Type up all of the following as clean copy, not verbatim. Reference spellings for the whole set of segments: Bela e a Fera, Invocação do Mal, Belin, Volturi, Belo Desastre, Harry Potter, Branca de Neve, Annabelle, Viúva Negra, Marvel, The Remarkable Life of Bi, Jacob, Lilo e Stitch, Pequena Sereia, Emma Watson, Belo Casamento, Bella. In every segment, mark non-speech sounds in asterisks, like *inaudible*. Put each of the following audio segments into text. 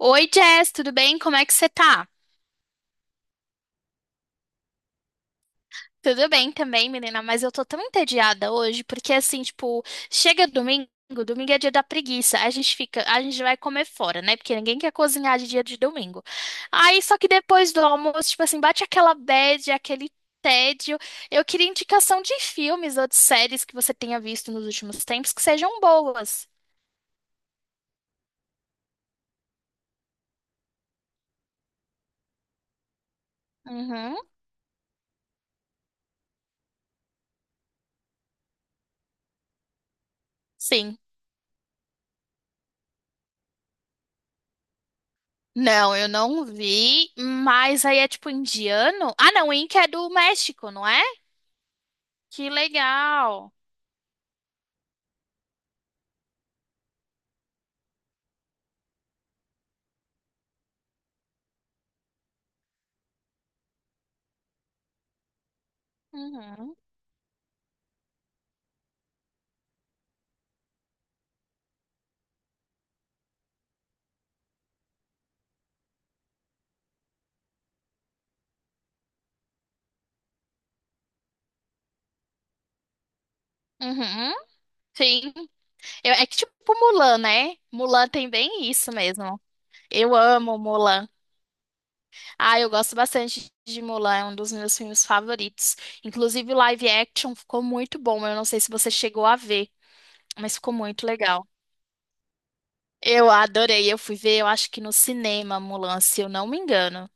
Oi, Jess, tudo bem? Como é que você tá? Tudo bem também, menina, mas eu tô tão entediada hoje, porque assim, tipo, chega domingo, domingo é dia da preguiça, a gente vai comer fora, né? Porque ninguém quer cozinhar de dia de domingo. Aí, só que depois do almoço, tipo assim, bate aquela bad, aquele tédio. Eu queria indicação de filmes ou de séries que você tenha visto nos últimos tempos que sejam boas. Uhum, sim. Não, eu não vi, mas aí é tipo indiano? Ah, não, Inca é do México, não é? Que legal. Uhum. Uhum. Sim. É que tipo Mulan, né? Mulan tem bem isso mesmo. Eu amo Mulan. Ah, eu gosto bastante de Mulan, é um dos meus filmes favoritos. Inclusive, o live action ficou muito bom. Eu não sei se você chegou a ver, mas ficou muito legal. Eu adorei. Eu fui ver, eu acho que no cinema, Mulan, se eu não me engano.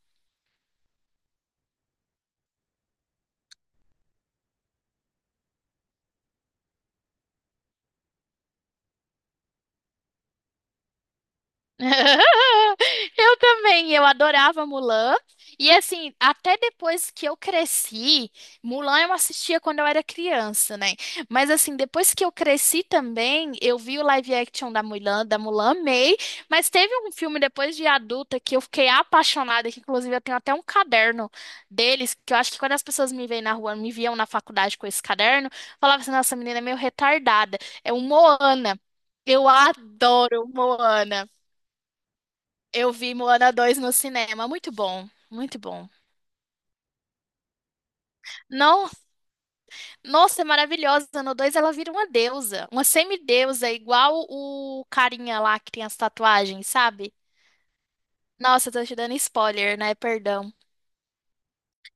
*laughs* Eu também, eu adorava Mulan. E assim, até depois que eu cresci, Mulan eu assistia quando eu era criança, né? Mas assim, depois que eu cresci também, eu vi o live action da Mulan, amei. Mas teve um filme depois de adulta que eu fiquei apaixonada, que inclusive eu tenho até um caderno deles, que eu acho que quando as pessoas me veem na rua, me viam na faculdade com esse caderno, falava assim, nossa, a menina é meio retardada. É o Moana. Eu adoro Moana. Eu vi Moana 2 no cinema, muito bom, muito bom. Não, nossa, é maravilhosa. No 2 ela vira uma deusa, uma semideusa, igual o carinha lá que tem as tatuagens, sabe? Nossa, eu tô te dando spoiler, né? Perdão.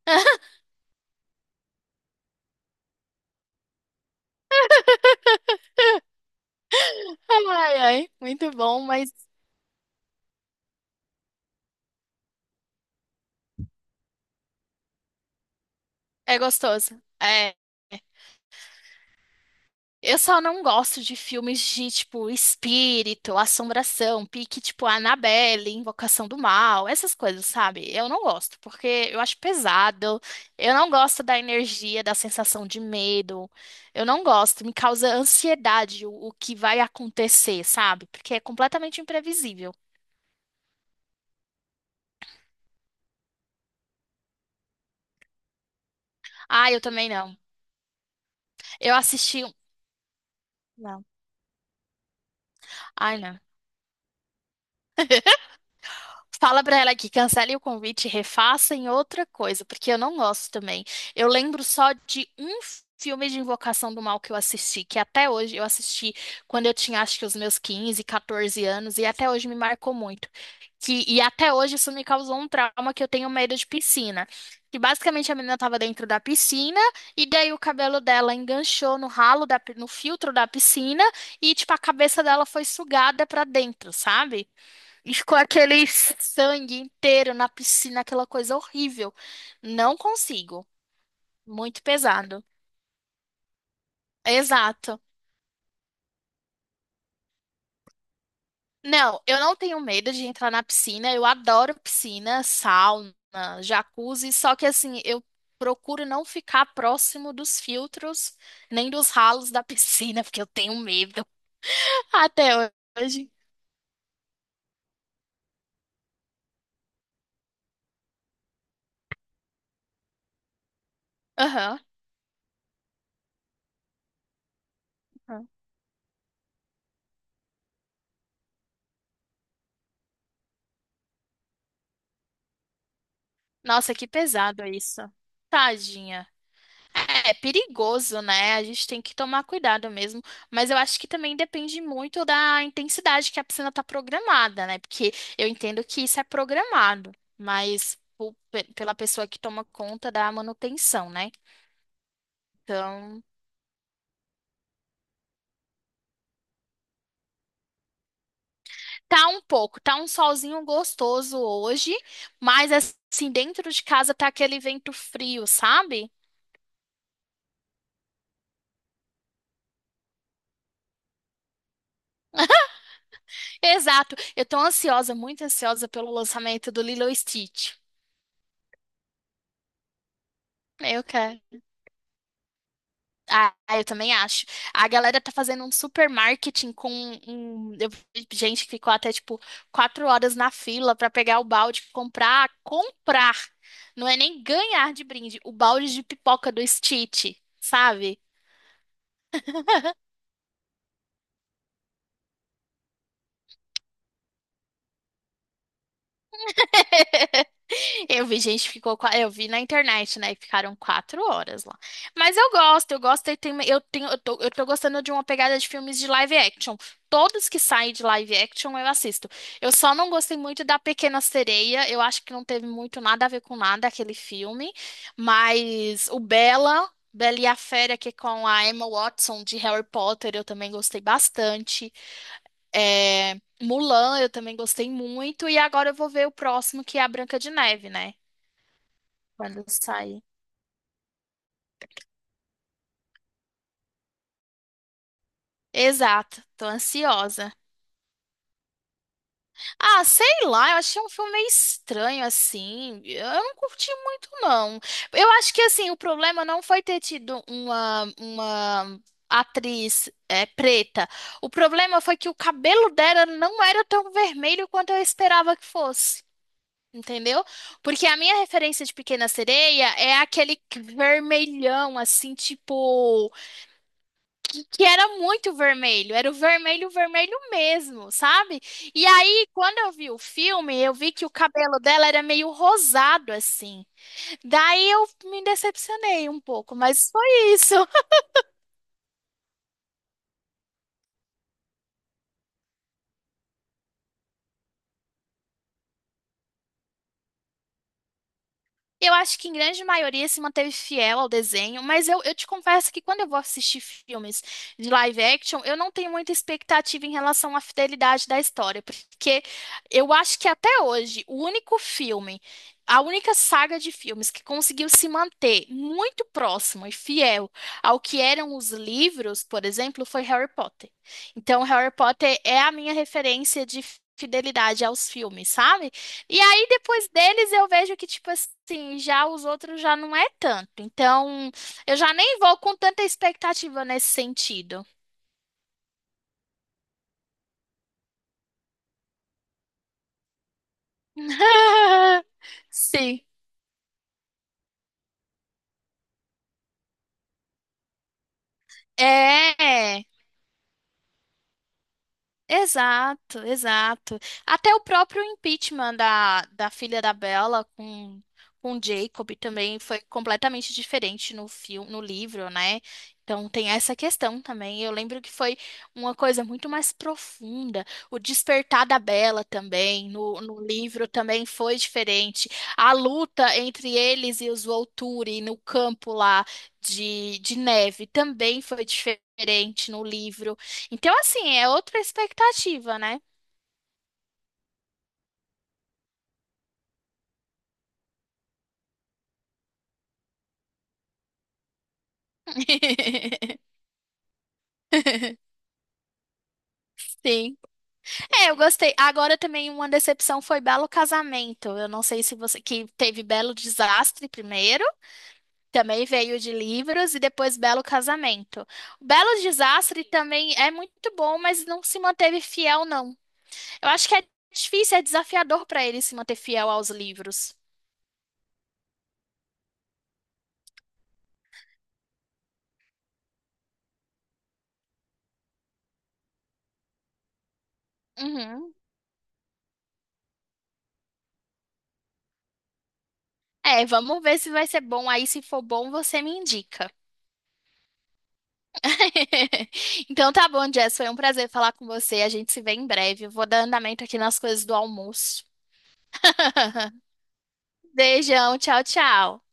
*laughs* Ai, ai, muito bom, mas é gostoso. É. Eu só não gosto de filmes de, tipo, espírito, assombração, pique, tipo, Annabelle, Invocação do Mal, essas coisas, sabe? Eu não gosto, porque eu acho pesado, eu não gosto da energia, da sensação de medo, eu não gosto, me causa ansiedade o que vai acontecer, sabe? Porque é completamente imprevisível. Ah, eu também não. Eu assisti. Não. Ai, não. Fala pra ela que cancele o convite e refaça em outra coisa, porque eu não gosto também. Eu lembro só de um filme de Invocação do Mal que eu assisti, que até hoje eu assisti quando eu tinha acho que os meus 15 14 anos, e até hoje me marcou muito. Que, e até hoje isso me causou um trauma que eu tenho medo de piscina. Que basicamente a menina estava dentro da piscina e daí o cabelo dela enganchou no ralo no filtro da piscina e tipo a cabeça dela foi sugada pra dentro, sabe? Ficou aquele sangue inteiro na piscina, aquela coisa horrível. Não consigo. Muito pesado. Exato. Não, eu não tenho medo de entrar na piscina. Eu adoro piscina, sauna, jacuzzi. Só que assim, eu procuro não ficar próximo dos filtros, nem dos ralos da *laughs* piscina, porque eu tenho medo. *laughs* Até hoje. Aham. Aham. Nossa, que pesado isso. Tadinha. É perigoso, né? A gente tem que tomar cuidado mesmo. Mas eu acho que também depende muito da intensidade que a piscina tá programada, né? Porque eu entendo que isso é programado, mas pela pessoa que toma conta da manutenção, né? Então, tá um pouco, tá um solzinho gostoso hoje, mas assim, dentro de casa tá aquele vento frio, sabe? Exato. Eu tô ansiosa, muito ansiosa pelo lançamento do Lilo e Stitch. Eu quero. Ah, eu também acho. A galera tá fazendo um super marketing eu vi gente que ficou até tipo 4 horas na fila pra pegar o balde, comprar, comprar. Não é nem ganhar de brinde, o balde de pipoca do Stitch, sabe? *laughs* Eu vi gente que ficou, eu vi na internet, né, que ficaram 4 horas lá. Mas eu gosto, e eu tô gostando de uma pegada de filmes de live action. Todos que saem de live action eu assisto. Eu só não gostei muito da Pequena Sereia, eu acho que não teve muito nada a ver com nada aquele filme, mas o Bela e a Fera, que é com a Emma Watson de Harry Potter, eu também gostei bastante. É, Mulan, eu também gostei muito, e agora eu vou ver o próximo, que é a Branca de Neve, né? Quando sair. Exato, tô ansiosa. Ah, sei lá, eu achei um filme meio estranho assim. Eu não curti muito, não. Eu acho que assim, o problema não foi ter tido uma atriz preta. O problema foi que o cabelo dela não era tão vermelho quanto eu esperava que fosse. Entendeu? Porque a minha referência de Pequena Sereia é aquele vermelhão, assim, tipo, que era muito vermelho, era o vermelho, vermelho mesmo, sabe? E aí, quando eu vi o filme, eu vi que o cabelo dela era meio rosado assim. Daí eu me decepcionei um pouco, mas foi isso. Eu acho que em grande maioria se manteve fiel ao desenho, mas eu te confesso que quando eu vou assistir filmes de live action, eu não tenho muita expectativa em relação à fidelidade da história, porque eu acho que até hoje o único filme, a única saga de filmes que conseguiu se manter muito próximo e fiel ao que eram os livros, por exemplo, foi Harry Potter. Então, Harry Potter é a minha referência de fidelidade aos filmes, sabe? E aí, depois deles, eu vejo que, tipo assim, já os outros já não é tanto. Então, eu já nem vou com tanta expectativa nesse sentido. *laughs* Sim. É. Exato, exato. Até o próprio impeachment da filha da Bella com Jacob também foi completamente diferente no filme, no livro, né? Então tem essa questão também. Eu lembro que foi uma coisa muito mais profunda. O despertar da Bella também, no livro também foi diferente. A luta entre eles e os Volturi no campo lá de neve também foi diferente no livro. Então, assim, é outra expectativa, né? *laughs* Sim. É, eu gostei. Agora também uma decepção foi Belo Casamento. Eu não sei se você. Que teve Belo Desastre primeiro, também veio de livros, e depois Belo Casamento. O Belo Desastre também é muito bom, mas não se manteve fiel, não. Eu acho que é difícil, é desafiador para ele se manter fiel aos livros. Uhum. É, vamos ver se vai ser bom. Aí, se for bom, você me indica. *laughs* Então tá bom, Jess. Foi um prazer falar com você. A gente se vê em breve. Eu vou dar andamento aqui nas coisas do almoço. *laughs* Beijão, tchau, tchau.